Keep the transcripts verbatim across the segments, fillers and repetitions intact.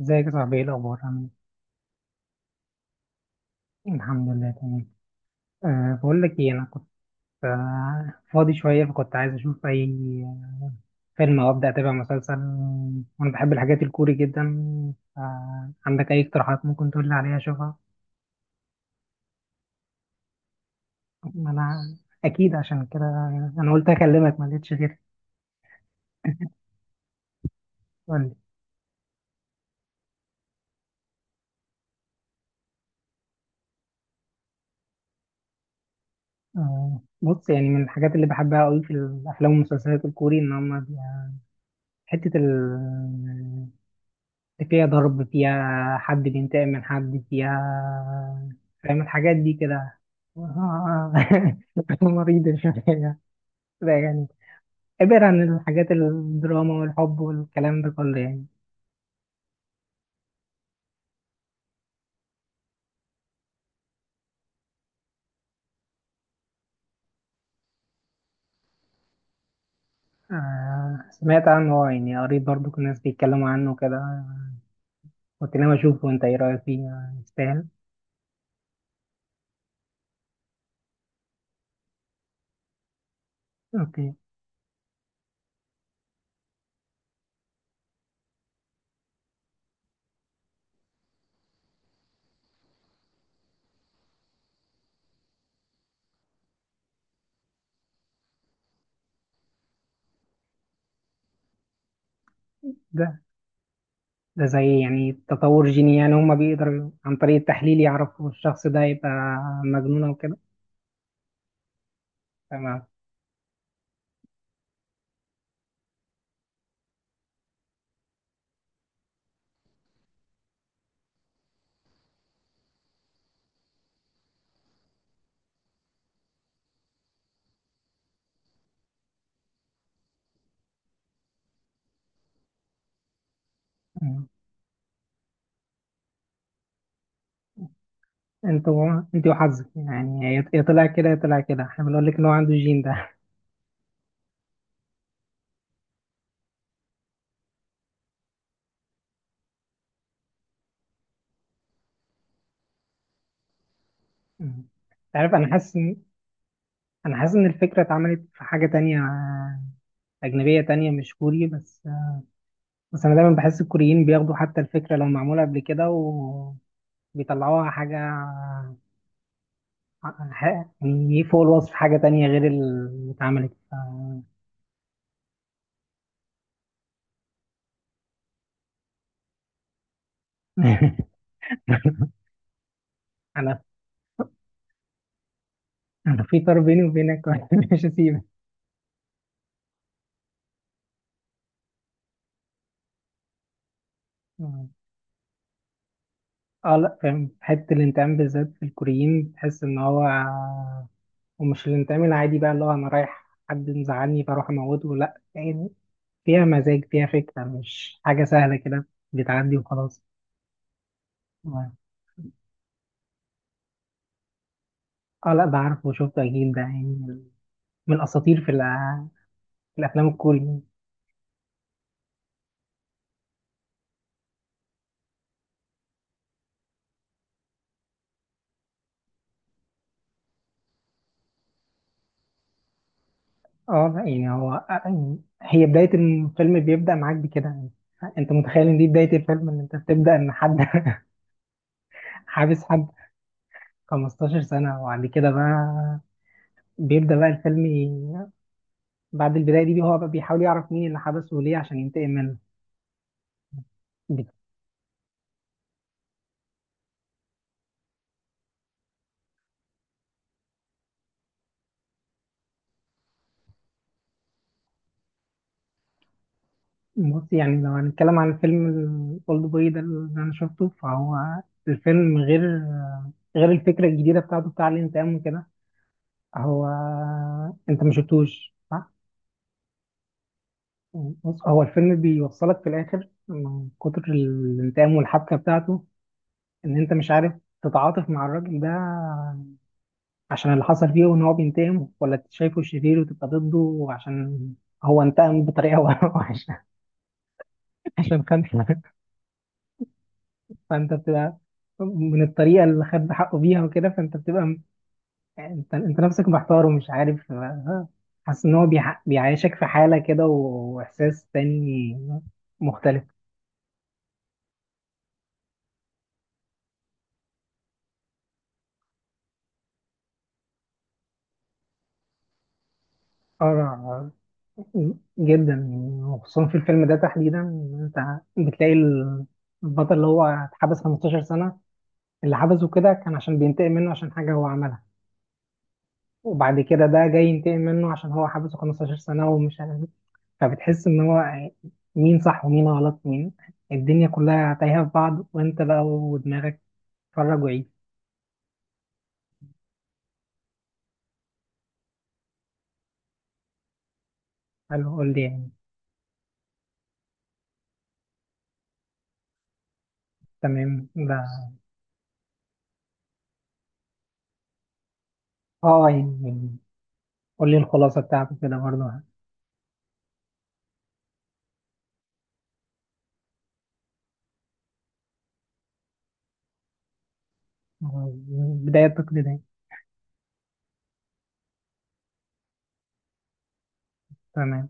ازيك يا صاحبي؟ ايه الاخبار؟ عامل ايه؟ الحمد لله تمام. أه بقول لك ايه، انا كنت أه فاضي شويه، فكنت عايز اشوف اي آه، فيلم او ابدا اتابع مسلسل. وانا بحب الحاجات الكوري جدا. أه عندك اي اقتراحات ممكن تقول لي عليها اشوفها؟ ما انا اكيد عشان كده انا قلت اكلمك، ما لقيتش غيرك. قول لي. أه بص، يعني من الحاجات اللي بحبها قوي في الافلام والمسلسلات الكوري ان هم حته ال فيها ضرب، فيها حد بينتقم من حد، فيها، فاهم الحاجات دي كده. آه. مريضة شوية، ده يعني عبارة عن الحاجات الدراما والحب والكلام ده كله يعني. آه سمعت عنه، آه، يعني قريت برضو كل الناس بيتكلموا عنه كده، قلت لهم أشوفه. أنت إيه رأيك فيه؟ آه، يستاهل؟ أوكي. ده ده زي يعني تطور جيني، يعني هما بيقدروا عن طريق التحليل يعرفوا الشخص ده يبقى مجنون أو كده. تمام. انت و... انت وحظك يعني، يا يا طلع كده يا طلع كده، احنا بنقول لك ان هو عنده الجين ده. انت عارف، انا حاسس ان انا حاسس ان الفكره اتعملت في حاجه تانية اجنبيه تانية مش كوري بس. بس انا دايما بحس الكوريين بياخدوا حتى الفكره لو معموله قبل كده وبيطلعوها حاجه، ح- يعني فوق الوصف، حاجه تانية غير اللي اتعملت ف- انا انا في طار بيني وبينك، مش هسيبك. اه لا، فاهم، حتة الانتقام بالذات في الكوريين تحس ان هو، ومش الانتقام العادي بقى اللي هو انا رايح حد مزعلني فاروح اموته، لا يعني فيها مزاج، فيها فكرة، مش حاجة سهلة كده بتعدي وخلاص. اه آه، لا بعرف، وشفته اكيد ده يعني من الاساطير في، الأ- في الافلام الكورية. اه لا يعني هو آه، يعني هي بداية الفيلم بيبدأ معاك بكده يعني. انت متخيل ان دي بداية الفيلم، ان انت بتبدأ ان حد حابس حد خمستاشر سنة؟ وبعد كده بقى بيبدأ بقى الفيلم ي- بعد البداية دي هو بقى بيحاول يعرف مين اللي حبسه وليه عشان ينتقم منه. بت- بص يعني لو هنتكلم عن الفيلم الأولد بوي ده اللي أنا شفته، فهو الفيلم غير غير الفكرة الجديدة بتاعته بتاع الانتقام وكده، هو، أنت ما شفتوش صح؟ بص، هو الفيلم بيوصلك في الآخر من كتر الانتقام والحبكة بتاعته إن أنت مش عارف تتعاطف مع الراجل ده عشان اللي حصل فيه وان هو بينتقم، ولا أنت شايفه شرير وتبقى ضده عشان هو انتقم بطريقه وحشه. عشان خد. فانت بتبقى من الطريقه اللي خد حقه بيها وكده، فانت بتبقى م- انت انت نفسك محتار ومش عارف آه، حاسس ان هو بيع- بيعيشك في حاله كده واحساس تاني مختلف. اه، جدا. وخصوصا في الفيلم ده تحديدا انت بتلاقي البطل اللي هو اتحبس خمسة عشر سنه، اللي حبسه كده كان عشان بينتقم منه عشان حاجة هو عملها، وبعد كده ده جاي ينتقم منه عشان هو حبسه خمسة عشر سنة ومش عارف إيه. فبتحس إن هو مين صح ومين غلط، مين، الدنيا كلها تايهة في بعض، وأنت بقى ودماغك اتفرج وعيد. حلو، قول لي يعني. تمام ده. اه آه، يعني قول لي الخلاصة بتاعته كده برضه. آه، بداية تقليدية. تمام.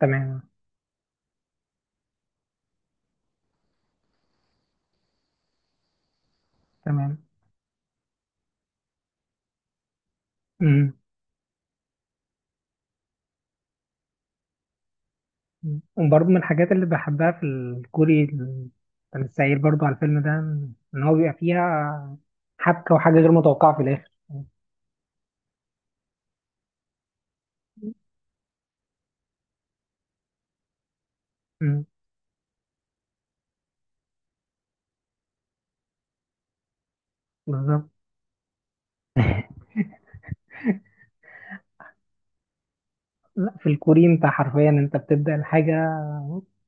تمام. تمام. مم. مم. وبرضه من الحاجات اللي بحبها في الكوري كان السعير برضه على الفيلم ده، إن هو بيبقى فيها حبكة وحاجة غير متوقعة في الآخر. مم. بالظبط. لا في الكوري أنت حرفيا أنت بتبدأ الحاجة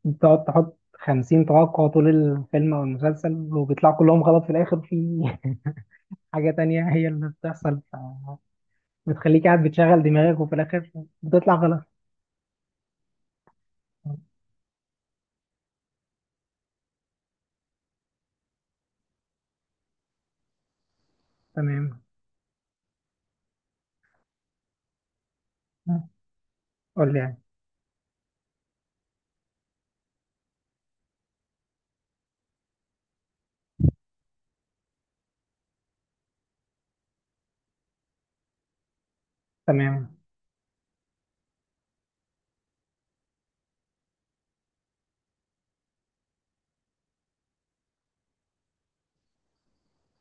بتقعد تحط خمسين توقع طول الفيلم أو المسلسل وبيطلعوا كلهم غلط في الآخر، في حاجة تانية هي اللي بتحصل ف- بتخليك قاعد بتشغل دماغك وفي الآخر بتطلع غلط. تمام. قول لي يعني. تمام.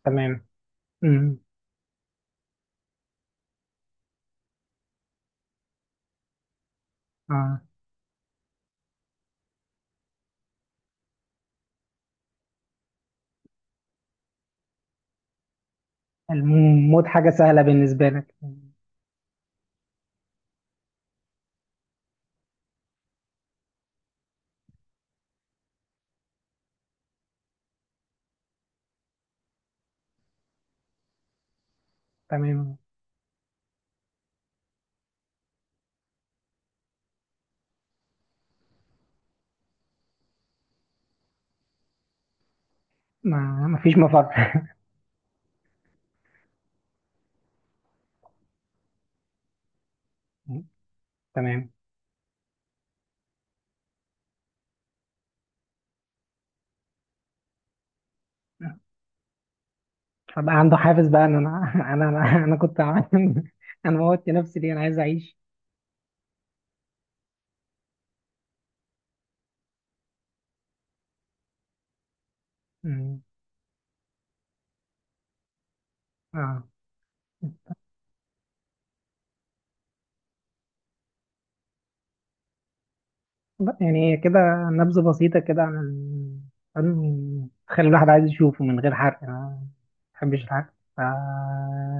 تمام. امم. الموت حاجة سهلة بالنسبة لك. تمام. ما ما فيش مفر. تمام. فبقى عنده حافز بقى ان انا انا انا, أنا كنت عامل انا موتت نفسي ليه، انا عايز اعيش. مم. اه لا، يعني كده نبذة بسيطة كده عن ال- عن- تخلي الواحد عايز يشوفه من غير حرق، انا ما بحبش الحرق فا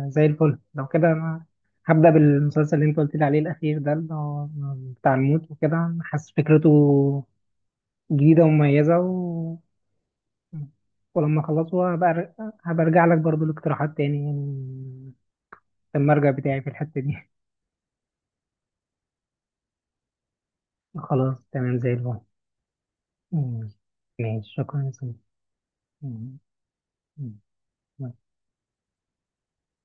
زي الفل. لو كده انا هبدأ بالمسلسل اللي انت قلت لي عليه الأخير ده اللي هو بتاع الموت وكده، حاسس فكرته جديدة ومميزة و... ولما أخلصه هبقى أر- هبقى أرجع لك برضو الاقتراحات تاني يعني، في المرجع بتاعي في الحتة دي. خلاص تمام زي الفل. مم. ماشي، شكرا يا سيدي. مم. مم.